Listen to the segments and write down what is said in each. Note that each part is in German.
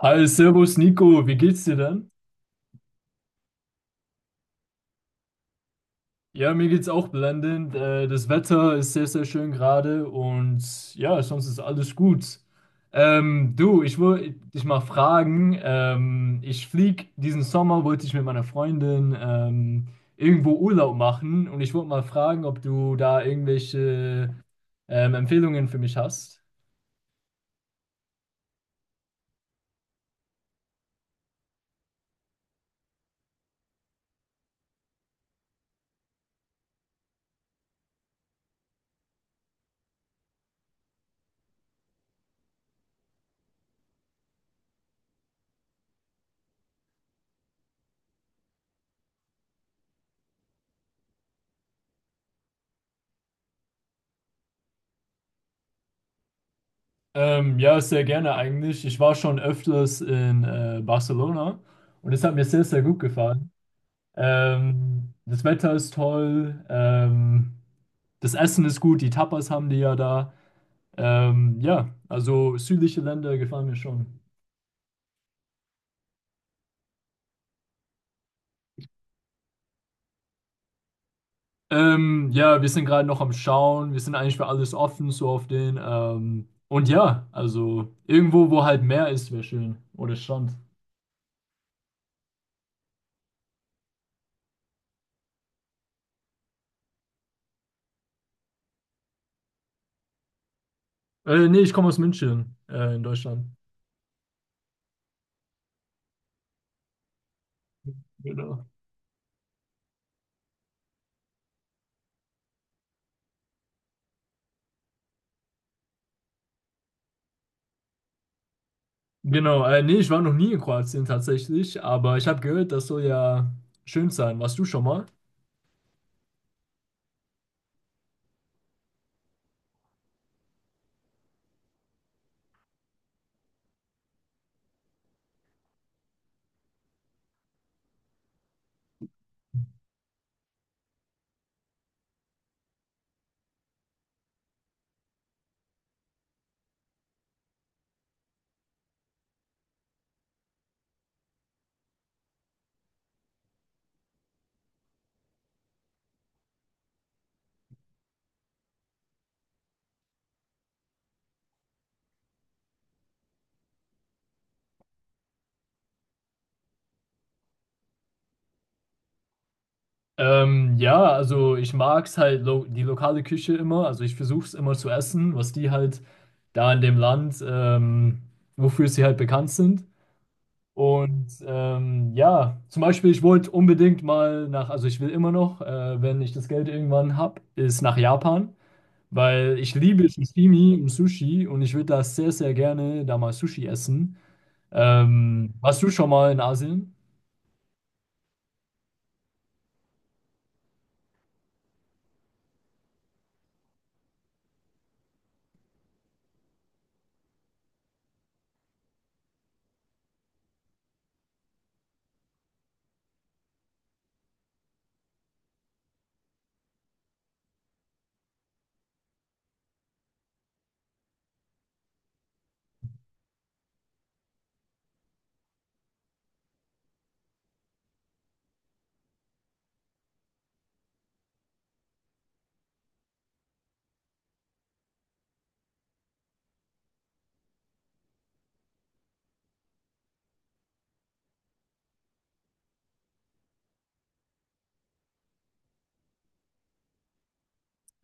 Hi, servus Nico, wie geht's dir denn? Ja, mir geht's auch blendend. Das Wetter ist sehr, sehr schön gerade und ja, sonst ist alles gut. Du, ich wollte dich mal fragen, ich flieg diesen Sommer, wollte ich mit meiner Freundin irgendwo Urlaub machen und ich wollte mal fragen, ob du da irgendwelche Empfehlungen für mich hast. Ja, sehr gerne eigentlich. Ich war schon öfters in Barcelona und es hat mir sehr, sehr gut gefallen. Das Wetter ist toll. Das Essen ist gut. Die Tapas haben die ja da. Ja, also südliche Länder gefallen mir schon. Ja, wir sind gerade noch am Schauen. Wir sind eigentlich für alles offen, so auf den. Und ja, also irgendwo, wo halt Meer ist, wäre schön. Oder Strand. Nee, ich komme aus München, in Deutschland. Genau. Genau, nee, ich war noch nie in Kroatien tatsächlich, aber ich habe gehört, das soll ja schön sein. Warst du schon mal? Ja, also ich mag's halt lo die lokale Küche immer. Also ich versuche es immer zu essen, was die halt da in dem Land, wofür sie halt bekannt sind. Und ja, zum Beispiel, ich wollte unbedingt mal nach, also ich will immer noch, wenn ich das Geld irgendwann hab, ist nach Japan, weil ich liebe Sashimi und Sushi und ich würde da sehr, sehr gerne da mal Sushi essen. Warst du schon mal in Asien?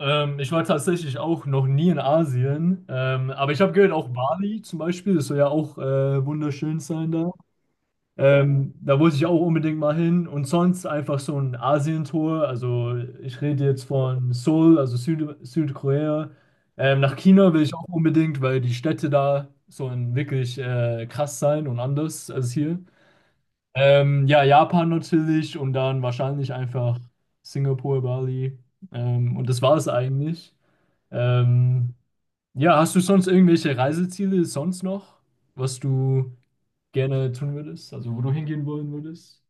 Ich war tatsächlich auch noch nie in Asien, aber ich habe gehört, auch Bali zum Beispiel, das soll ja auch wunderschön sein da. Da wollte ich auch unbedingt mal hin und sonst einfach so ein Asientour. Also ich rede jetzt von Seoul, also Südkorea. Nach China will ich auch unbedingt, weil die Städte da so ein wirklich krass sein und anders als hier. Ja, Japan natürlich und dann wahrscheinlich einfach Singapur, Bali. Und das war es eigentlich. Ähm, ja, hast du sonst irgendwelche Reiseziele sonst noch, was du gerne tun würdest, also wo du hingehen wollen würdest?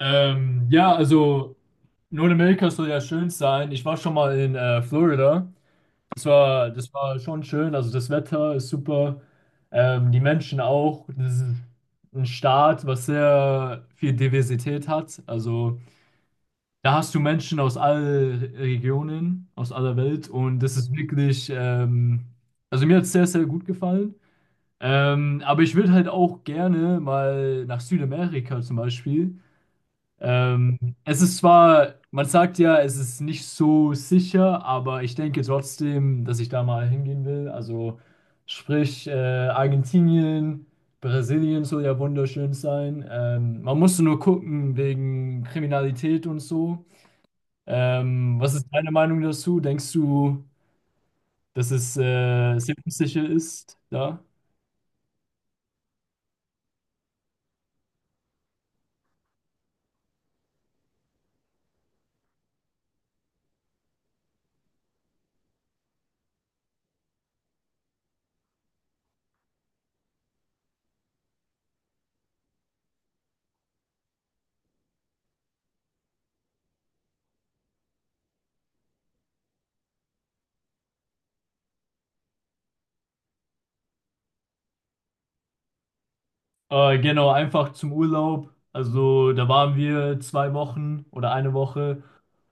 Ja, also Nordamerika soll ja schön sein. Ich war schon mal in Florida. Das war schon schön. Also das Wetter ist super. Die Menschen auch. Das ist ein Staat, was sehr viel Diversität hat. Also da hast du Menschen aus allen Regionen, aus aller Welt und das ist wirklich, also mir hat es sehr, sehr gut gefallen. Aber ich würde halt auch gerne mal nach Südamerika zum Beispiel. Ähm, Es ist zwar, man sagt ja, es ist nicht so sicher, aber ich denke trotzdem, dass ich da mal hingehen will. Also sprich, Argentinien, Brasilien soll ja wunderschön sein. Man muss nur gucken wegen Kriminalität und so. Was ist deine Meinung dazu? Denkst du, dass es selbstsicher ist da? Genau, einfach zum Urlaub. Also da waren wir zwei Wochen oder eine Woche,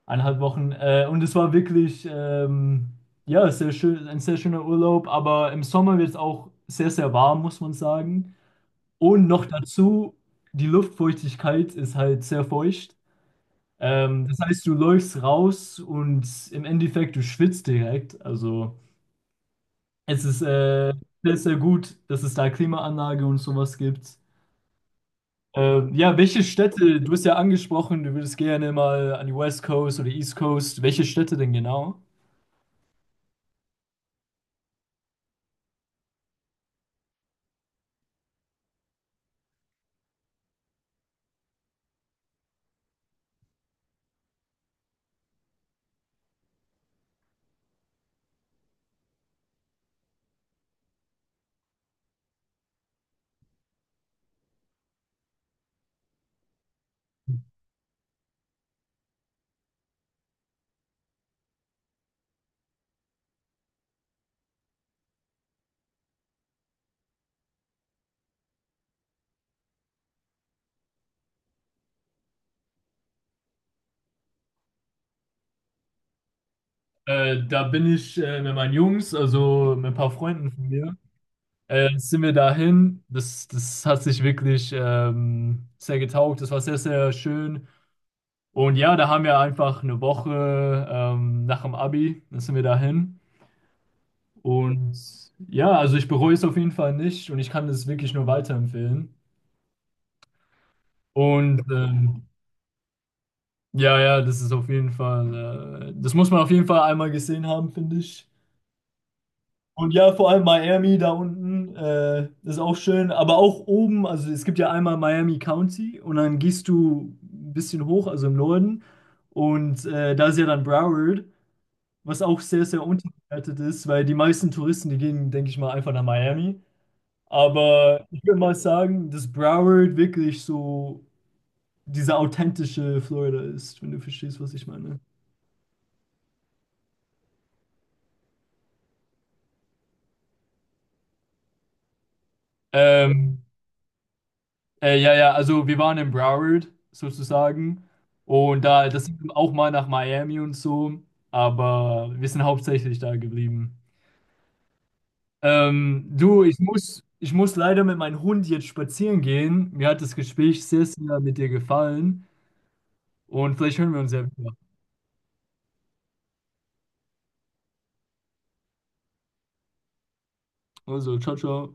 eineinhalb Wochen. Und es war wirklich ja, sehr schön, ein sehr schöner Urlaub. Aber im Sommer wird es auch sehr, sehr warm, muss man sagen. Und noch dazu, die Luftfeuchtigkeit ist halt sehr feucht. Das heißt, du läufst raus und im Endeffekt, du schwitzt direkt. Also. Es ist sehr, sehr gut, dass es da Klimaanlage und sowas gibt. Ja, welche Städte, du hast ja angesprochen, du würdest gerne mal an die West Coast oder East Coast. Welche Städte denn genau? Da bin ich mit meinen Jungs, also mit ein paar Freunden von mir, sind wir dahin. Das hat sich wirklich sehr getaugt. Das war sehr, sehr schön. Und ja, da haben wir einfach eine Woche nach dem Abi, dann sind wir dahin. Und ja, also ich bereue es auf jeden Fall nicht und ich kann es wirklich nur weiterempfehlen. Und ja, ja, das ist auf jeden Fall, das muss man auf jeden Fall einmal gesehen haben, finde ich. Und ja, vor allem Miami da unten, ist auch schön, aber auch oben, also es gibt ja einmal Miami County und dann gehst du ein bisschen hoch, also im Norden. Und da ist ja dann Broward, was auch sehr, sehr unterbewertet ist, weil die meisten Touristen, die gehen, denke ich mal, einfach nach Miami. Aber ich würde mal sagen, dass Broward wirklich so dieser authentische Florida ist, wenn du verstehst, was ich meine. Ähm, ja, ja, also wir waren in Broward sozusagen und da, das sind auch mal nach Miami und so, aber wir sind hauptsächlich da geblieben. Du, ich muss leider mit meinem Hund jetzt spazieren gehen. Mir hat das Gespräch sehr, sehr mit dir gefallen und vielleicht hören wir uns ja wieder. Also, ciao, ciao.